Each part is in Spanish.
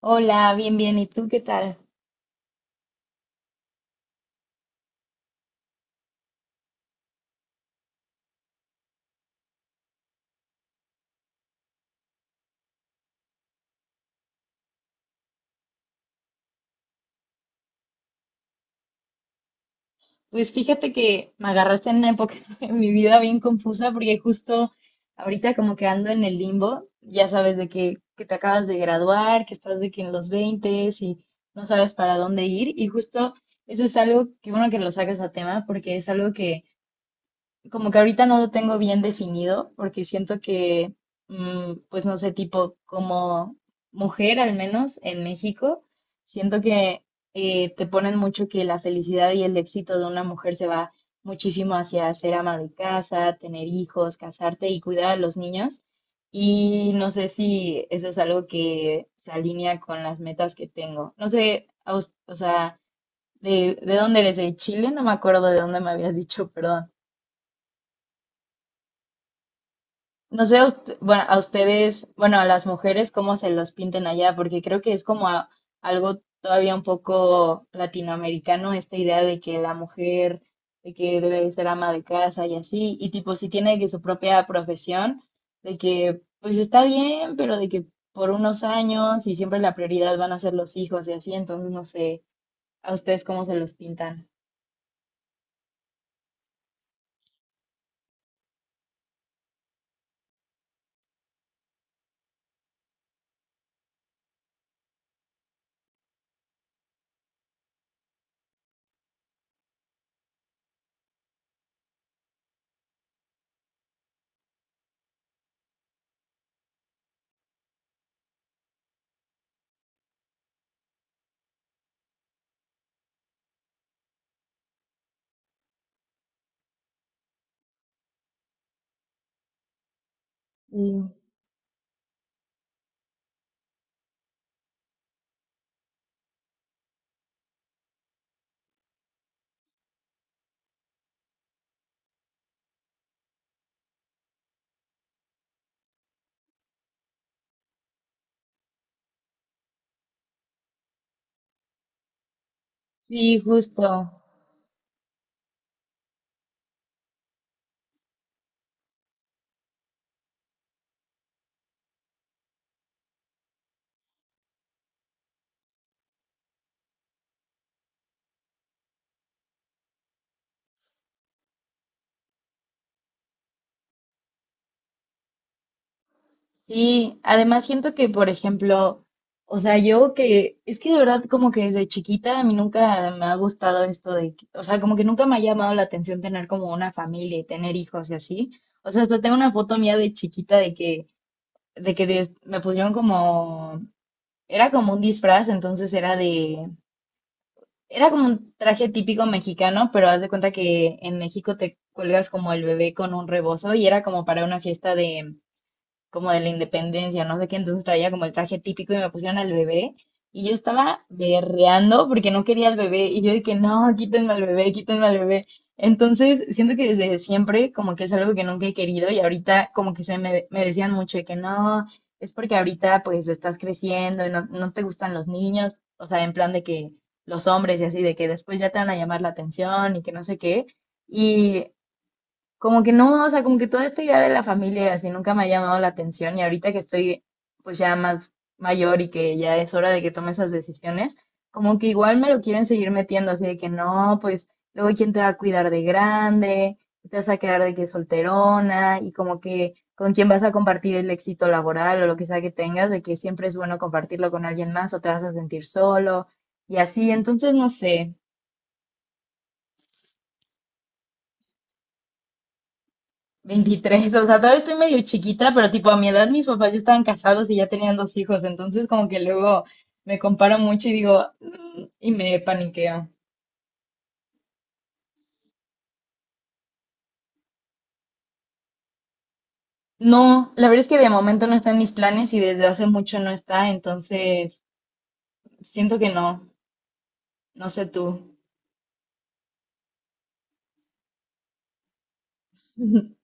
Hola, bien, bien. ¿Y tú qué tal? Pues fíjate que me agarraste en una época en mi vida bien confusa porque justo ahorita como que ando en el limbo, ya sabes de que te acabas de graduar, que estás de que en los 20 y no sabes para dónde ir. Y justo eso es algo que bueno que lo sacas a tema porque es algo que como que ahorita no lo tengo bien definido porque siento que, pues no sé, tipo como mujer al menos en México, siento que te ponen mucho que la felicidad y el éxito de una mujer se va muchísimo hacia ser ama de casa, tener hijos, casarte y cuidar a los niños. Y no sé si eso es algo que se alinea con las metas que tengo. No sé, a us- o sea, de dónde eres, de Chile, no me acuerdo de dónde me habías dicho, perdón. No sé, a ust- bueno, a ustedes, bueno, a las mujeres, cómo se los pinten allá, porque creo que es como a- algo todavía un poco latinoamericano, esta idea de que la mujer, de que debe de ser ama de casa y así, y tipo, si tiene que su propia profesión, de que pues está bien, pero de que por unos años y siempre la prioridad van a ser los hijos y así, entonces no sé, a ustedes cómo se los pintan. Mm. Sí, justo. Sí, además siento que, por ejemplo, o sea, yo que, es que de verdad como que desde chiquita a mí nunca me ha gustado esto de, que- o sea, como que nunca me ha llamado la atención tener como una familia y tener hijos y así. O sea, hasta tengo una foto mía de chiquita de que des- me pusieron como, era como un disfraz, entonces era de, era como un traje típico mexicano, pero haz de cuenta que en México te cuelgas como el bebé con un rebozo y era como para una fiesta como de la independencia, no sé qué, entonces traía como el traje típico y me pusieron al bebé y yo estaba berreando porque no quería al bebé y yo dije, no, quítenme al bebé, quítenme al bebé. Entonces, siento que desde siempre como que es algo que nunca he querido y ahorita como que se me, me decían mucho de que no, es porque ahorita pues estás creciendo y no, no te gustan los niños, o sea, en plan de que los hombres y así, de que después ya te van a llamar la atención y que no sé qué. Y como que no, o sea, como que toda esta idea de la familia y así nunca me ha llamado la atención y ahorita que estoy pues ya más mayor y que ya es hora de que tome esas decisiones, como que igual me lo quieren seguir metiendo, así de que no, pues luego quién te va a cuidar de grande, te vas a quedar de que solterona y como que con quién vas a compartir el éxito laboral o lo que sea que tengas, de que siempre es bueno compartirlo con alguien más o te vas a sentir solo y así, entonces no sé, 23, o sea, todavía estoy medio chiquita, pero tipo a mi edad mis papás ya estaban casados y ya tenían dos hijos, entonces como que luego me comparo mucho y digo, "Mm", y me paniqueo. No, la verdad es que de momento no está en mis planes y desde hace mucho no está, entonces siento que no, no sé tú.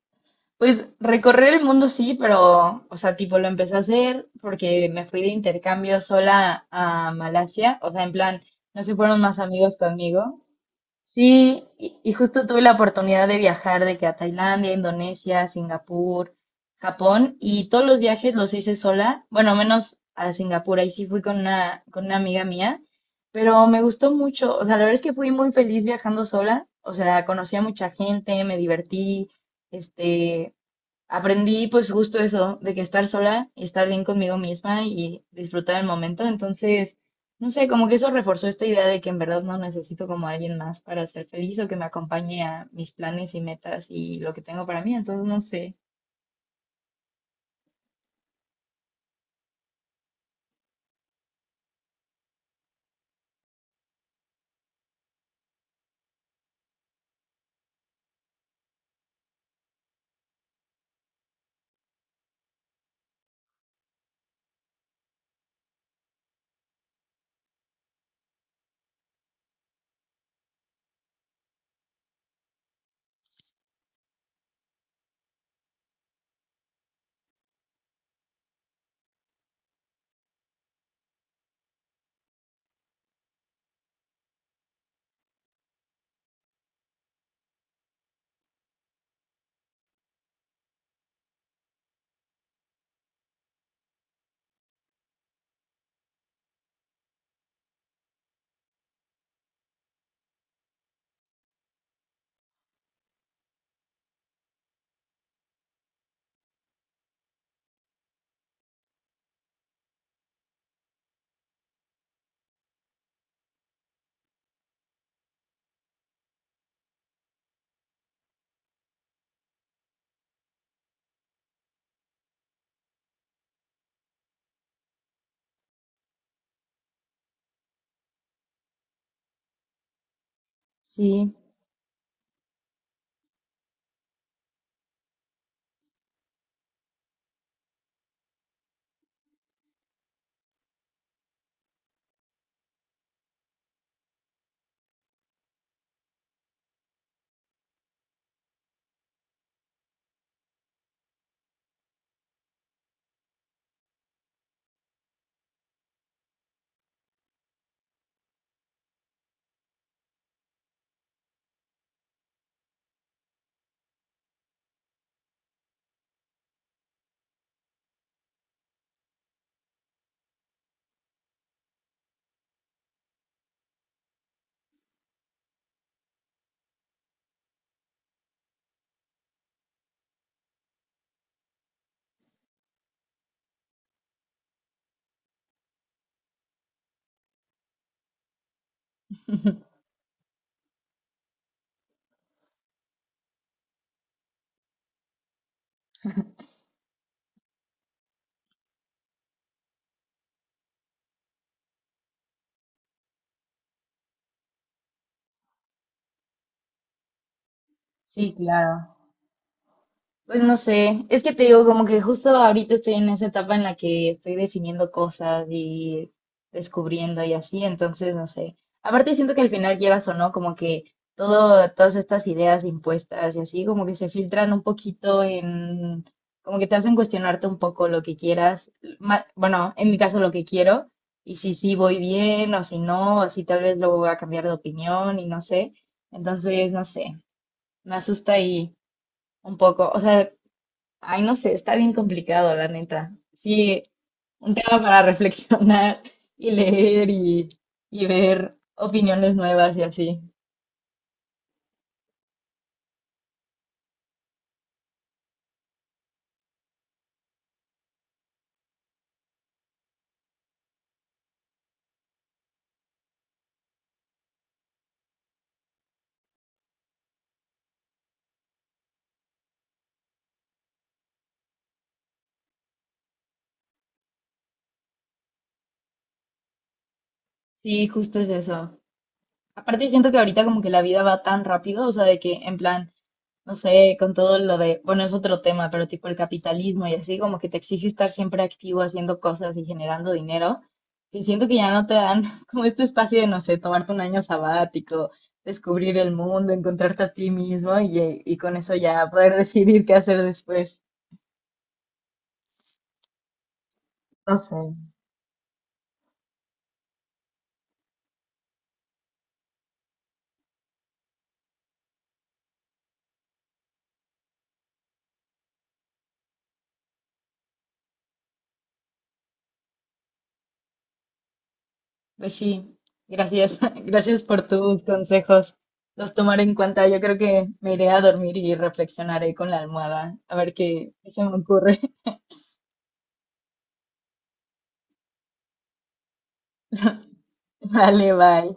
Pues recorrer el mundo sí, pero, o sea, tipo lo empecé a hacer porque me fui de intercambio sola a Malasia, o sea, en plan, no se fueron más amigos conmigo. Sí, y justo tuve la oportunidad de viajar de que a Tailandia, Indonesia, Singapur, Japón, y todos los viajes los hice sola, bueno, menos a Singapur, ahí sí fui con una amiga mía, pero me gustó mucho, o sea, la verdad es que fui muy feliz viajando sola, o sea, conocí a mucha gente, me divertí, este, aprendí pues justo eso, de que estar sola y estar bien conmigo misma y disfrutar el momento. Entonces, no sé, como que eso reforzó esta idea de que en verdad no necesito como a alguien más para ser feliz o que me acompañe a mis planes y metas y lo que tengo para mí. Entonces, no sé. Sí, sí, claro. Pues no sé, es que te digo como que justo ahorita estoy en esa etapa en la que estoy definiendo cosas y descubriendo y así, entonces no sé. Aparte siento que al final quieras o no, como que todo, todas estas ideas impuestas y así, como que se filtran un poquito en, como que te hacen cuestionarte un poco lo que quieras, ma- bueno, en mi caso lo que quiero, y si sí voy bien o si no, o si tal vez luego voy a cambiar de opinión y no sé. Entonces, no sé, me asusta ahí un poco, o sea... Ay, no sé, está bien complicado, la neta. Sí, un tema para reflexionar y leer y ver opiniones nuevas y así. Sí, justo es eso. Aparte siento que ahorita como que la vida va tan rápido, o sea, de que en plan... No sé, con todo lo de, bueno, es otro tema, pero tipo el capitalismo y así, como que te exige estar siempre activo haciendo cosas y generando dinero, que siento que ya no te dan como este espacio de, no sé, tomarte un año sabático, descubrir el mundo, encontrarte a ti mismo y con eso ya poder decidir qué hacer después. No sé. Pues sí, gracias, gracias por tus consejos. Los tomaré en cuenta. Yo creo que me iré a dormir y reflexionaré con la almohada, a ver qué qué se me ocurre. Vale, bye.